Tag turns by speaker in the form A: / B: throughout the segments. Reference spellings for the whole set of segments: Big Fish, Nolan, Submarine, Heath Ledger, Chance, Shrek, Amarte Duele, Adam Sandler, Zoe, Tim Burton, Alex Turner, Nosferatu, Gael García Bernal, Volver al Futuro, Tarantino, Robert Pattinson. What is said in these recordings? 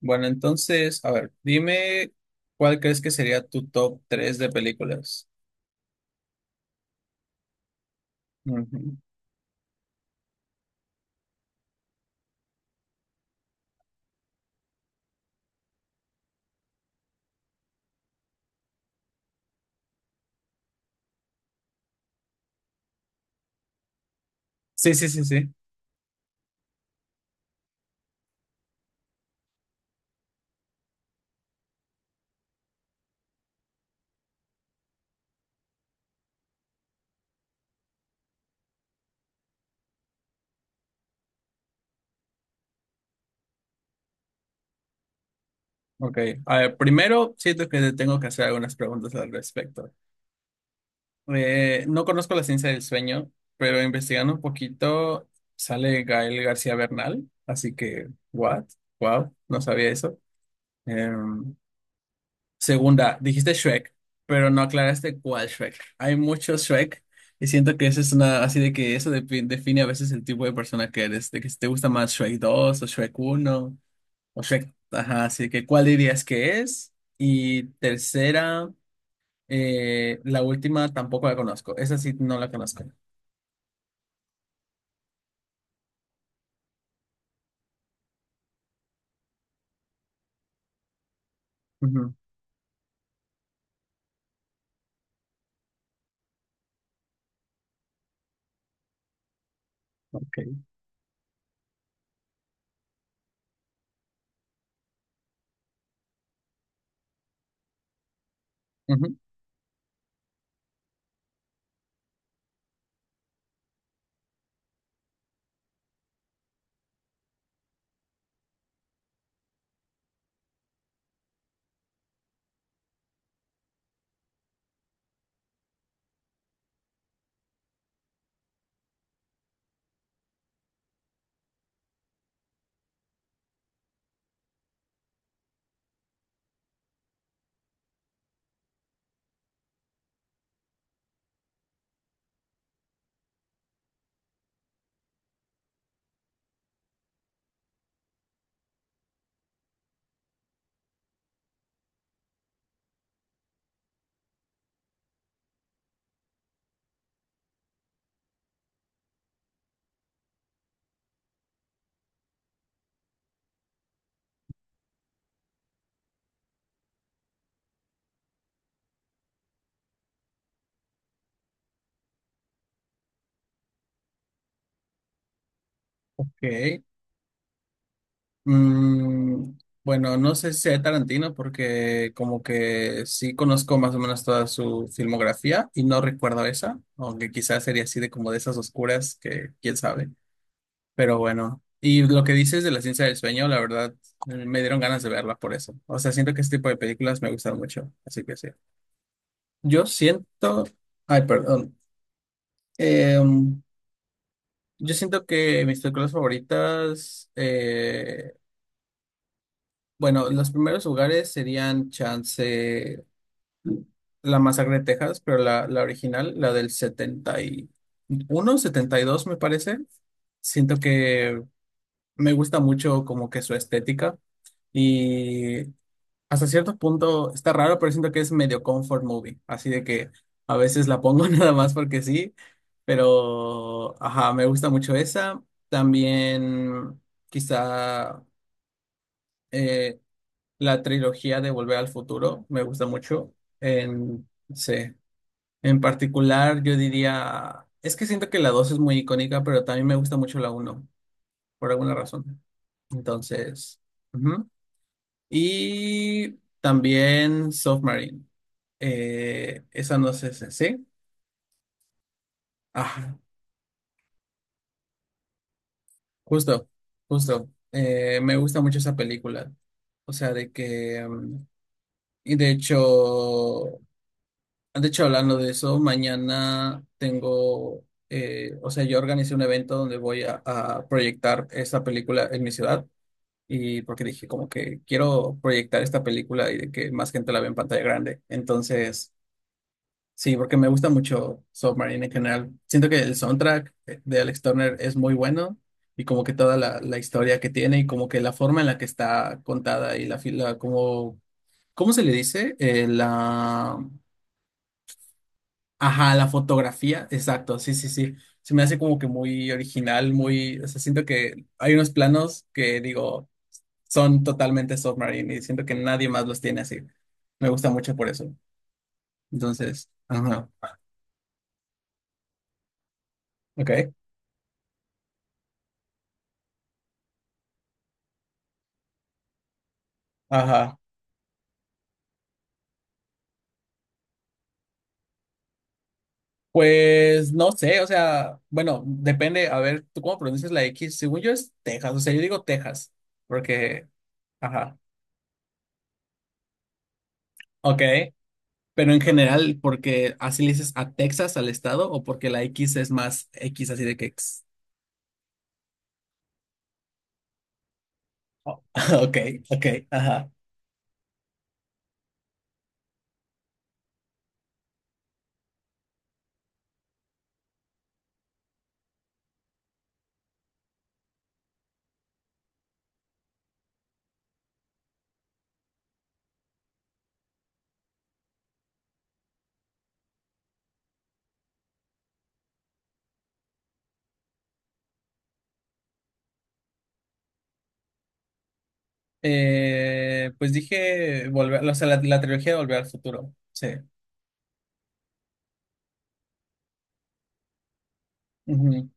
A: Bueno, entonces, a ver, dime cuál crees que sería tu top 3 de películas. Ujú. Sí, sí, sí, sí. Ok. A ver, primero, siento que te tengo que hacer algunas preguntas al respecto. No conozco la ciencia del sueño, pero investigando un poquito sale Gael García Bernal, así que, ¿what? Wow, no sabía eso. Em, Segunda, dijiste Shrek, pero no aclaraste cuál Shrek. Hay muchos Shrek y siento que eso es una, así de que eso define a veces el tipo de persona que eres, de que si te gusta más Shrek dos o Shrek uno o Shrek, ajá, así que ¿cuál dirías que es? Y tercera, la última tampoco la conozco, esa sí no la conozco. Ujú. Ok. Ujú. Ok. Mm, bueno, no sé si sea Tarantino porque como que sí conozco más o menos toda su filmografía y no recuerdo esa, aunque quizás sería así de como de esas oscuras que quién sabe. Pero bueno, y lo que dices de la ciencia del sueño, la verdad, me dieron ganas de verla por eso. O sea, siento que este tipo de películas me gustan mucho, así que sí. Yo siento, ay, perdón. Em, yo siento que mis películas favoritas bueno, los primeros lugares serían Chance, la masacre de Texas, pero la original, la del 70, 71, 72 me parece. Siento que me gusta mucho como que su estética y hasta cierto punto está raro, pero siento que es medio comfort movie, así de que a veces la pongo nada más porque sí, pero ajá, me gusta mucho esa. También quizá, eh, la trilogía de Volver al Futuro me gusta mucho. En, sí, en particular, yo diría, es que siento que la 2 es muy icónica, pero también me gusta mucho la uno por alguna razón. Entonces, ujú. Y también Submarine. Esa no sé, ¿sí? Ah, justo, justo. Me gusta mucho esa película. O sea, de que, y de hecho, de hecho, hablando de eso, mañana tengo, o sea, yo organicé un evento donde voy a proyectar esta película en mi ciudad y porque dije como que quiero proyectar esta película y de que más gente la vea en pantalla grande. Entonces, sí, porque me gusta mucho Submarine en general. Siento que el soundtrack de Alex Turner es muy bueno y como que toda la historia que tiene y como que la forma en la que está contada y la fila, como, ¿cómo se le dice? Ajá, la fotografía, exacto, sí, sí, sí. Se me hace como que muy original, muy, o sea, siento que hay unos planos que digo, son totalmente Submarine y siento que nadie más los tiene así. Me gusta mucho por eso. Entonces, ajá, ok, ajá. Pues no sé, o sea, bueno, depende, a ver, ¿tú cómo pronuncias la X? Según yo es Texas, o sea, yo digo Texas, porque, ajá, ok, pero en general, ¿porque así le dices a Texas, al estado, o porque la X es más X así de que? Oh, ok, ok, ajá. Pues dije volver, o sea, la trilogía de Volver al Futuro. Sí. Ujú.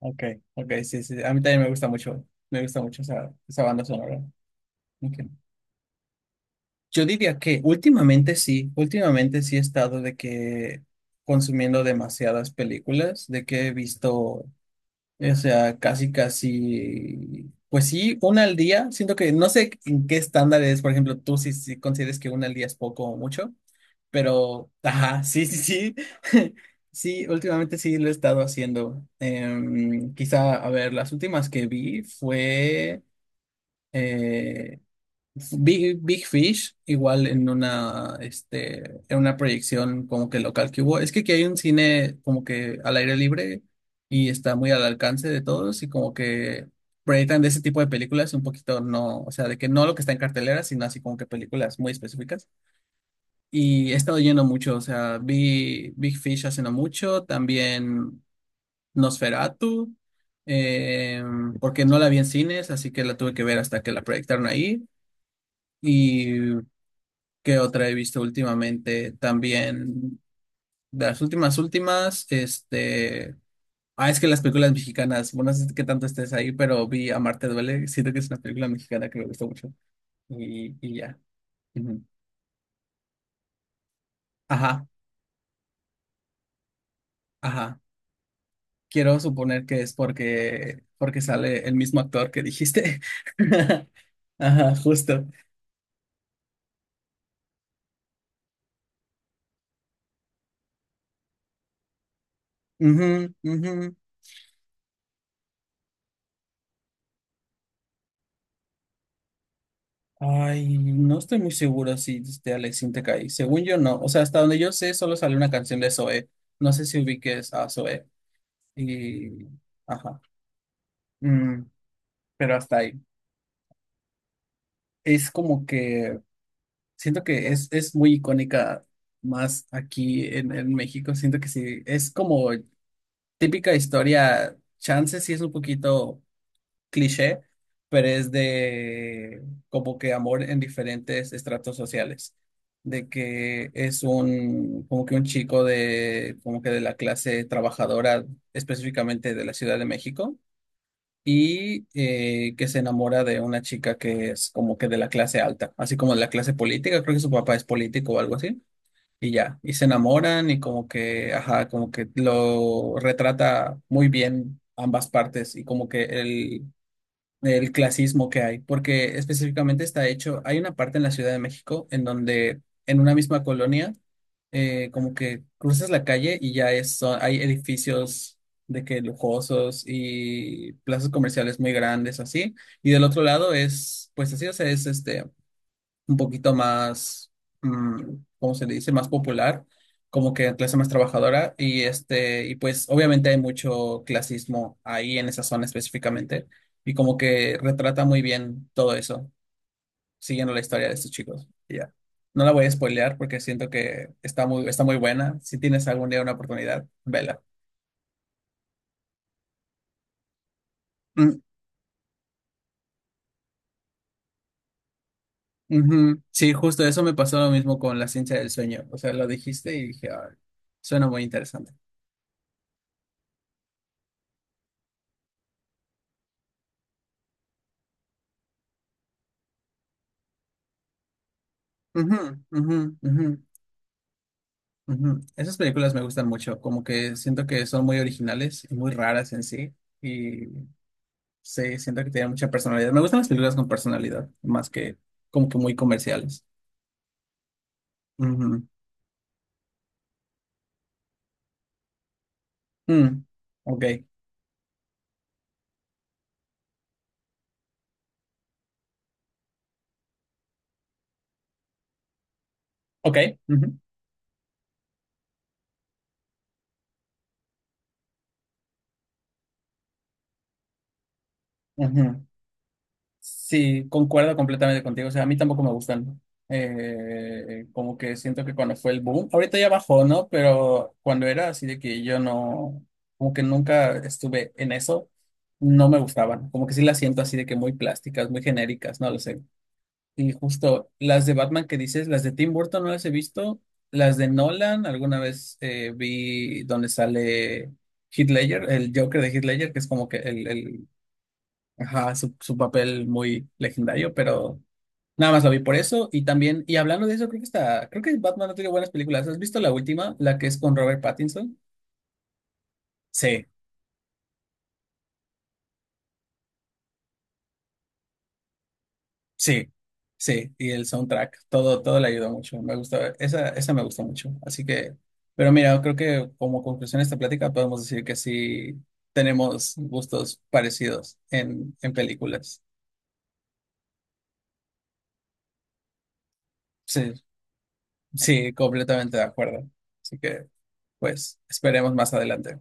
A: Ok, ok, sí, sí. A mí también me gusta mucho. Me gusta mucho esa banda sonora. Ok. Yo diría que últimamente sí he estado de que consumiendo demasiadas películas, de que he visto, o sea, casi, casi, pues sí, una al día. Siento que no sé en qué estándar es, por ejemplo, tú si consideres que una al día es poco o mucho. Pero, ajá, sí, sí, sí. Sí, últimamente sí lo he estado haciendo. Quizá, a ver, las últimas que vi fue eh, Big Fish, igual en una, en una proyección como que local que hubo. Es que aquí hay un cine como que al aire libre y está muy al alcance de todos y como que proyectan de ese tipo de películas un poquito, no, o sea, de que no lo que está en cartelera, sino así como que películas muy específicas. Y he estado yendo mucho, o sea, vi Big Fish hace no mucho, también Nosferatu, eh, porque no la vi en cines, así que la tuve que ver hasta que la proyectaron ahí. ¿Y qué otra he visto últimamente? También de las últimas, últimas. Ah, es que las películas mexicanas, bueno, no sé qué tanto estés ahí, pero vi Amarte Duele, siento que es una película mexicana que me gustó mucho. Y ya. Ujú. Ajá, ajá. Quiero suponer que es porque, porque sale el mismo actor que dijiste. Ajá, justo. Ujú, ujú. Ay, no estoy muy seguro si de Alex Sintek. Según yo, no. O sea, hasta donde yo sé, solo sale una canción de Zoe. No sé si ubiques a Zoe. Y. Ajá. Mm, pero hasta ahí. Es como que, siento que es muy icónica más aquí en México. Siento que sí. Es como típica historia. Chance sí es un poquito cliché, pero es de como que amor en diferentes estratos sociales, de que es un, como que un chico de, como que de la clase trabajadora, específicamente de la Ciudad de México. Y que se enamora de una chica que es como que de la clase alta, así como de la clase política, creo que su papá es político o algo así, y ya, y se enamoran y como que, ajá, como que lo retrata muy bien ambas partes y como que el clasismo que hay, porque específicamente está hecho, hay una parte en la Ciudad de México en donde, en una misma colonia, como que cruzas la calle y ya hay edificios de que lujosos y plazas comerciales muy grandes así, y del otro lado es, pues así, o sea, es un poquito más, mm, ¿cómo se le dice? Más popular, como que clase más trabajadora. Y pues obviamente hay mucho clasismo ahí en esa zona específicamente. Y como que retrata muy bien todo eso, siguiendo la historia de estos chicos. Y ya. No la voy a spoilear porque siento que está muy buena. Si tienes algún día una oportunidad, vela. Mm. Ujú. Sí, justo eso me pasó lo mismo con La ciencia del sueño. O sea, lo dijiste y dije, "Ah, suena muy interesante". Ujú, ujú, ujú. Ujú. Esas películas me gustan mucho, como que siento que son muy originales y muy raras en sí, y sí, siento que tienen mucha personalidad. Me gustan las películas con personalidad, más que como que muy comerciales. Ujú. Mm. Ok, ok. Ujú. Ujú. Sí, concuerdo completamente contigo. O sea, a mí tampoco me gustan. Como que siento que cuando fue el boom, ahorita ya bajó, ¿no? Pero cuando era así de que yo no, como que nunca estuve en eso, no me gustaban. Como que sí las siento así de que muy plásticas, muy genéricas, no lo sé. Y justo las de Batman que dices, las de Tim Burton no las he visto. Las de Nolan, alguna vez vi donde sale Heath Ledger, el Joker de Heath Ledger, que es como que el ajá, su papel muy legendario, pero nada más lo vi por eso. Y también, y hablando de eso, creo que está, creo que Batman ha tenido buenas películas. ¿Has visto la última, la que es con Robert Pattinson? Sí, sí, sí. Y el soundtrack, todo, todo le ayudó mucho. Me gusta, esa me gusta mucho. Así que, pero mira, creo que como conclusión de esta plática podemos decir que sí tenemos gustos parecidos en películas. Sí, sí, completamente de acuerdo. Así que, pues, esperemos más adelante.